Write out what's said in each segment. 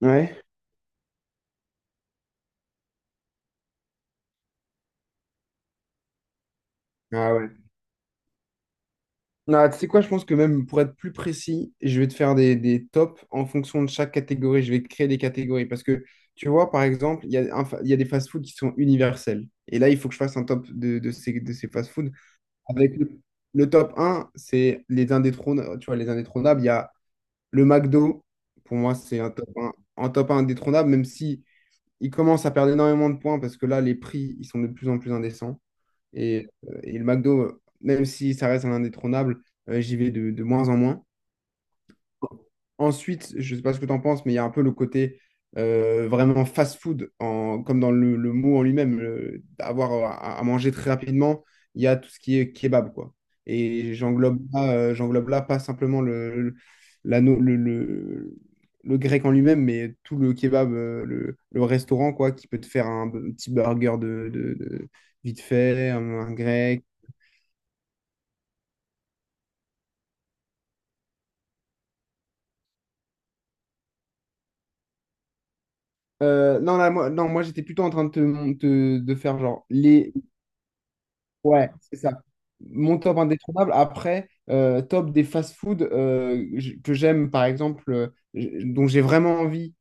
Ouais. Ah ouais. Non, tu sais quoi, je pense que même pour être plus précis, je vais te faire des tops en fonction de chaque catégorie. Je vais créer des catégories parce que, tu vois, par exemple, il y a des fast foods qui sont universels. Et là, il faut que je fasse un top de ces fast foods. Avec le top un, c'est les indétrônables. Tu vois, les indétrônables, il y a le McDo. Pour moi, c'est un top un indétrônable, même si il commence à perdre énormément de points parce que là, les prix, ils sont de plus en plus indécents. Et le McDo, même si ça reste un indétrônable, j'y vais de moins en moins. Ensuite, je ne sais pas ce que tu en penses, mais il y a un peu le côté vraiment fast-food, comme dans le mot en lui-même, avoir à manger très rapidement. Il y a tout ce qui est kebab, quoi. Et j'englobe là pas simplement le, la no- le grec en lui-même, mais tout le kebab, le restaurant, quoi, qui peut te faire un petit burger vite fait, un grec. Non, là, moi, non, moi j'étais plutôt en train de te, mon- te- de faire genre les. Ouais, c'est ça. Mon top indétrônable. Après, top des fast-food que j'aime, par exemple, dont j'ai vraiment envie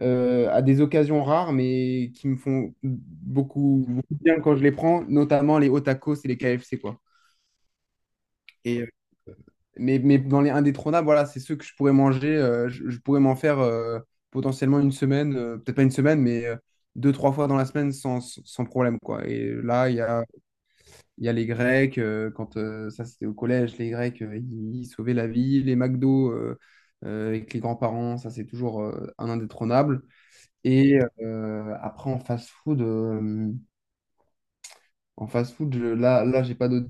à des occasions rares, mais qui me font beaucoup, beaucoup de bien quand je les prends, notamment les hot tacos et les KFC, quoi. Et euh, mais dans les indétrônables, voilà, c'est ceux que je pourrais manger. Je pourrais m'en faire potentiellement une semaine, peut-être pas une semaine, mais 2, 3 fois dans la semaine sans problème, quoi. Et là, il y a les Grecs, quand ça c'était au collège, les Grecs, ils sauvaient la vie. Les McDo avec les grands-parents, ça c'est toujours un indétrônable. Après, en fast-food, là j'ai pas d'autres.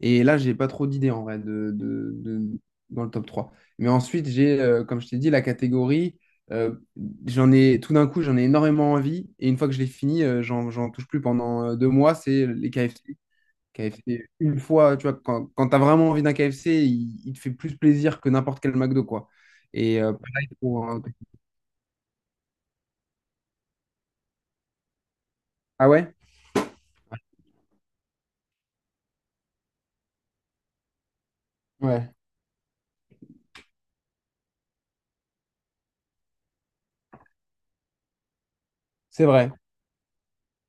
Et là, j'ai pas trop d'idées en vrai dans le top 3. Mais ensuite, j'ai, comme je t'ai dit, la catégorie. euh, J'en ai tout d'un coup, j'en ai énormément envie. Et une fois que je l'ai fini, j'en touche plus pendant 2 mois. C'est les KFC. KFC, une fois, tu vois, quand, quand tu as vraiment envie d'un KFC, il te fait plus plaisir que n'importe quel McDo, quoi. Et pareil pour. Ah ouais? Ouais, c'est vrai.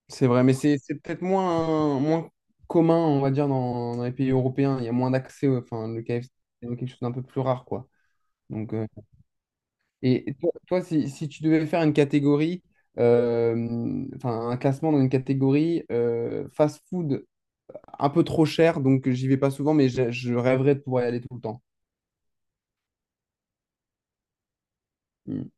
C'est vrai, mais c'est peut-être moins commun, on va dire, dans les pays européens. Il y a moins d'accès, enfin, le KFC, c'est quelque chose d'un peu plus rare, quoi. Donc, et toi, si tu devais faire une catégorie, enfin, un classement dans une catégorie fast-food un peu trop cher, donc j'y vais pas souvent, mais je rêverais de pouvoir y aller tout le temps. Mm.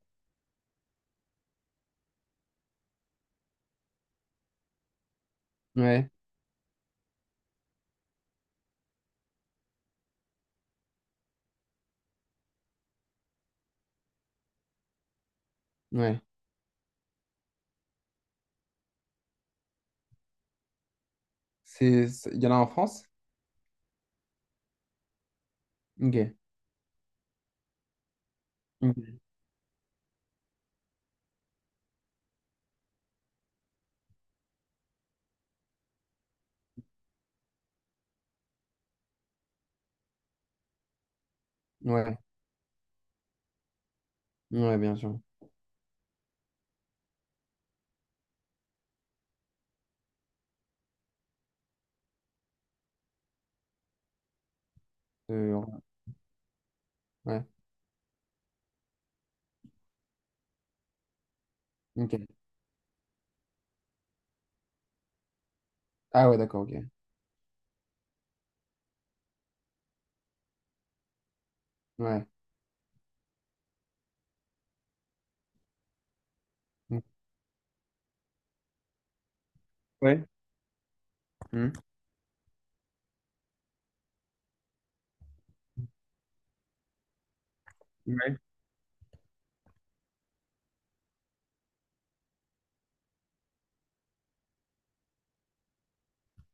Ouais, ouais. Il y en a en France? Ok. Ok. Ouais, ouais, bien sûr. Euh, ouais, ok. Ah ouais, d'accord, ok. Ouais. Ouais. Hmm. Ouais.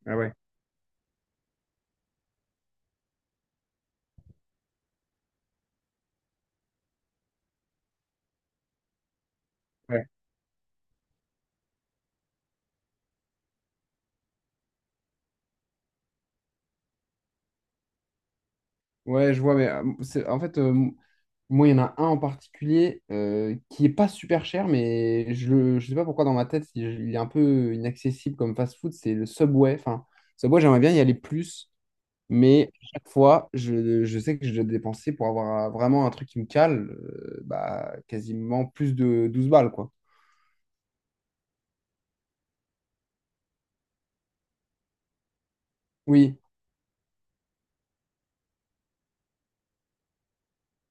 Ah ouais. Ouais. Ouais, je vois, mais en fait, moi, il y en a un en particulier qui est pas super cher, mais je ne sais pas pourquoi dans ma tête, il est un peu inaccessible comme fast-food, c'est le Subway. Enfin, Subway, j'aimerais bien y aller plus, mais à chaque fois, je sais que je dois dépenser pour avoir vraiment un truc qui me cale, bah, quasiment plus de 12 balles, quoi. Oui,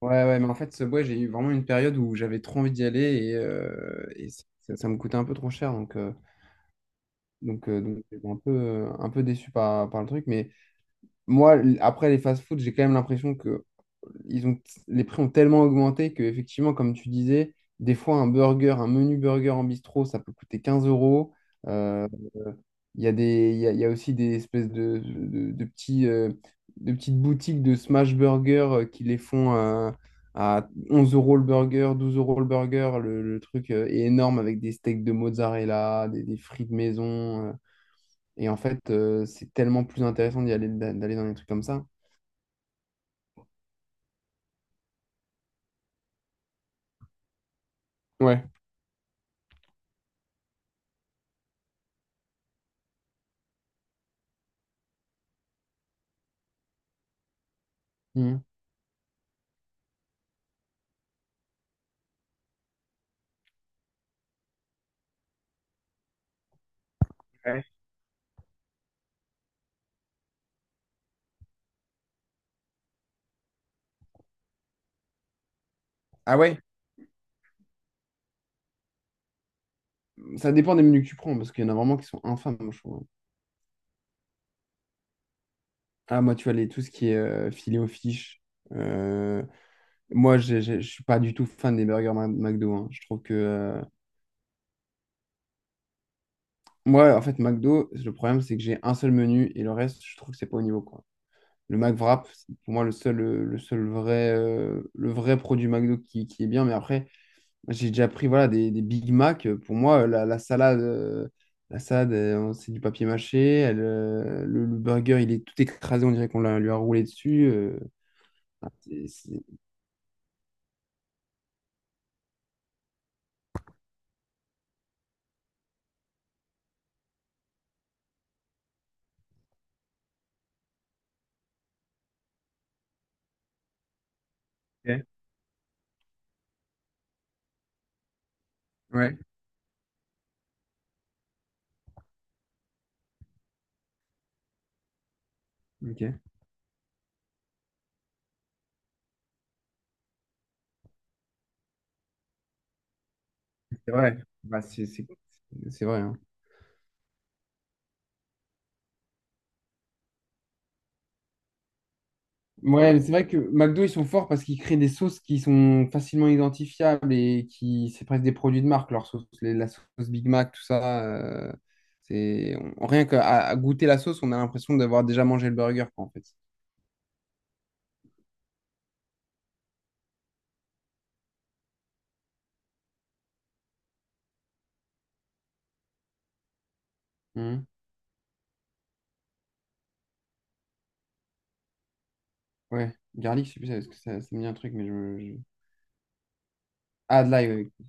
ouais, ouais, mais en fait, Subway, j'ai eu vraiment une période où j'avais trop envie d'y aller et ça, ça me coûtait un peu trop cher, donc. Donc, donc j'étais un peu déçu par le truc. Mais moi, après les fast-food, j'ai quand même l'impression que ils ont, les prix ont tellement augmenté que, effectivement, comme tu disais, des fois, un burger, un menu burger en bistrot, ça peut coûter 15 euros. Euh, Il y a il y a aussi des espèces de de petites boutiques de smash burger qui les font à 11 euros le burger, 12 euros le burger. Le truc est énorme avec des steaks de mozzarella, des frites maison. Et en fait, c'est tellement plus intéressant d'y aller, d'aller dans des trucs comme ça. Ouais. Mhm. Ouais. Ah ouais? Ça dépend des menus que tu prends, parce qu'il y en a vraiment qui sont infâmes, moi, je trouve. Ah, moi, tu vois, tout ce qui est filet aux fiches. euh, Moi, je suis pas du tout fan des burgers McDo, hein. Je trouve que. Moi, en fait, McDo, le problème, c'est que j'ai un seul menu et le reste, je trouve que c'est pas au niveau, quoi. Le McWrap, c'est pour moi le seul vrai, le vrai produit McDo qui est bien. Mais après, j'ai déjà pris voilà, des Big Mac. Pour moi, la salade c'est du papier mâché. Le burger, il est tout écrasé. On dirait qu'on lui a roulé dessus. Ah, Ok. Ouais, ok. C'est vrai. Bah, C'est vrai, hein. Ouais, mais c'est vrai que McDo, ils sont forts parce qu'ils créent des sauces qui sont facilement identifiables et c'est presque des produits de marque, leur sauce, la sauce Big Mac, tout ça. C'est rien qu'à goûter la sauce, on a l'impression d'avoir déjà mangé le burger, quoi, en fait. Mhm. Ouais, garlic, c'est plus ça, parce que ça me dit un truc, mais je. Ah, de l'ail, oui.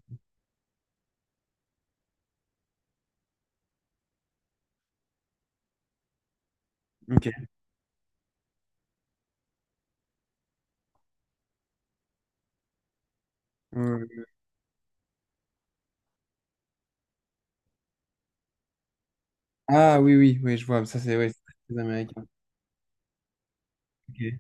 Ok. Ouais. Ouais, ouais. Ah oui, oui, oui, je vois. Ça, c'est ouais, c'est très américain. Ok.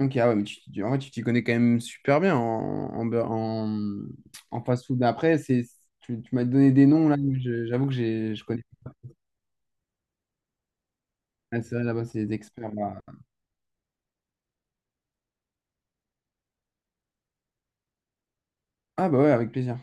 Ok, ah ouais, mais en vrai, tu t'y connais quand même super bien en, en, beur- en, en fast-food. Mais après, tu m'as donné des noms, là, mais j'avoue que je connais pas. Ah, c'est vrai, là-bas, c'est des experts, là. Ah bah ouais, avec plaisir.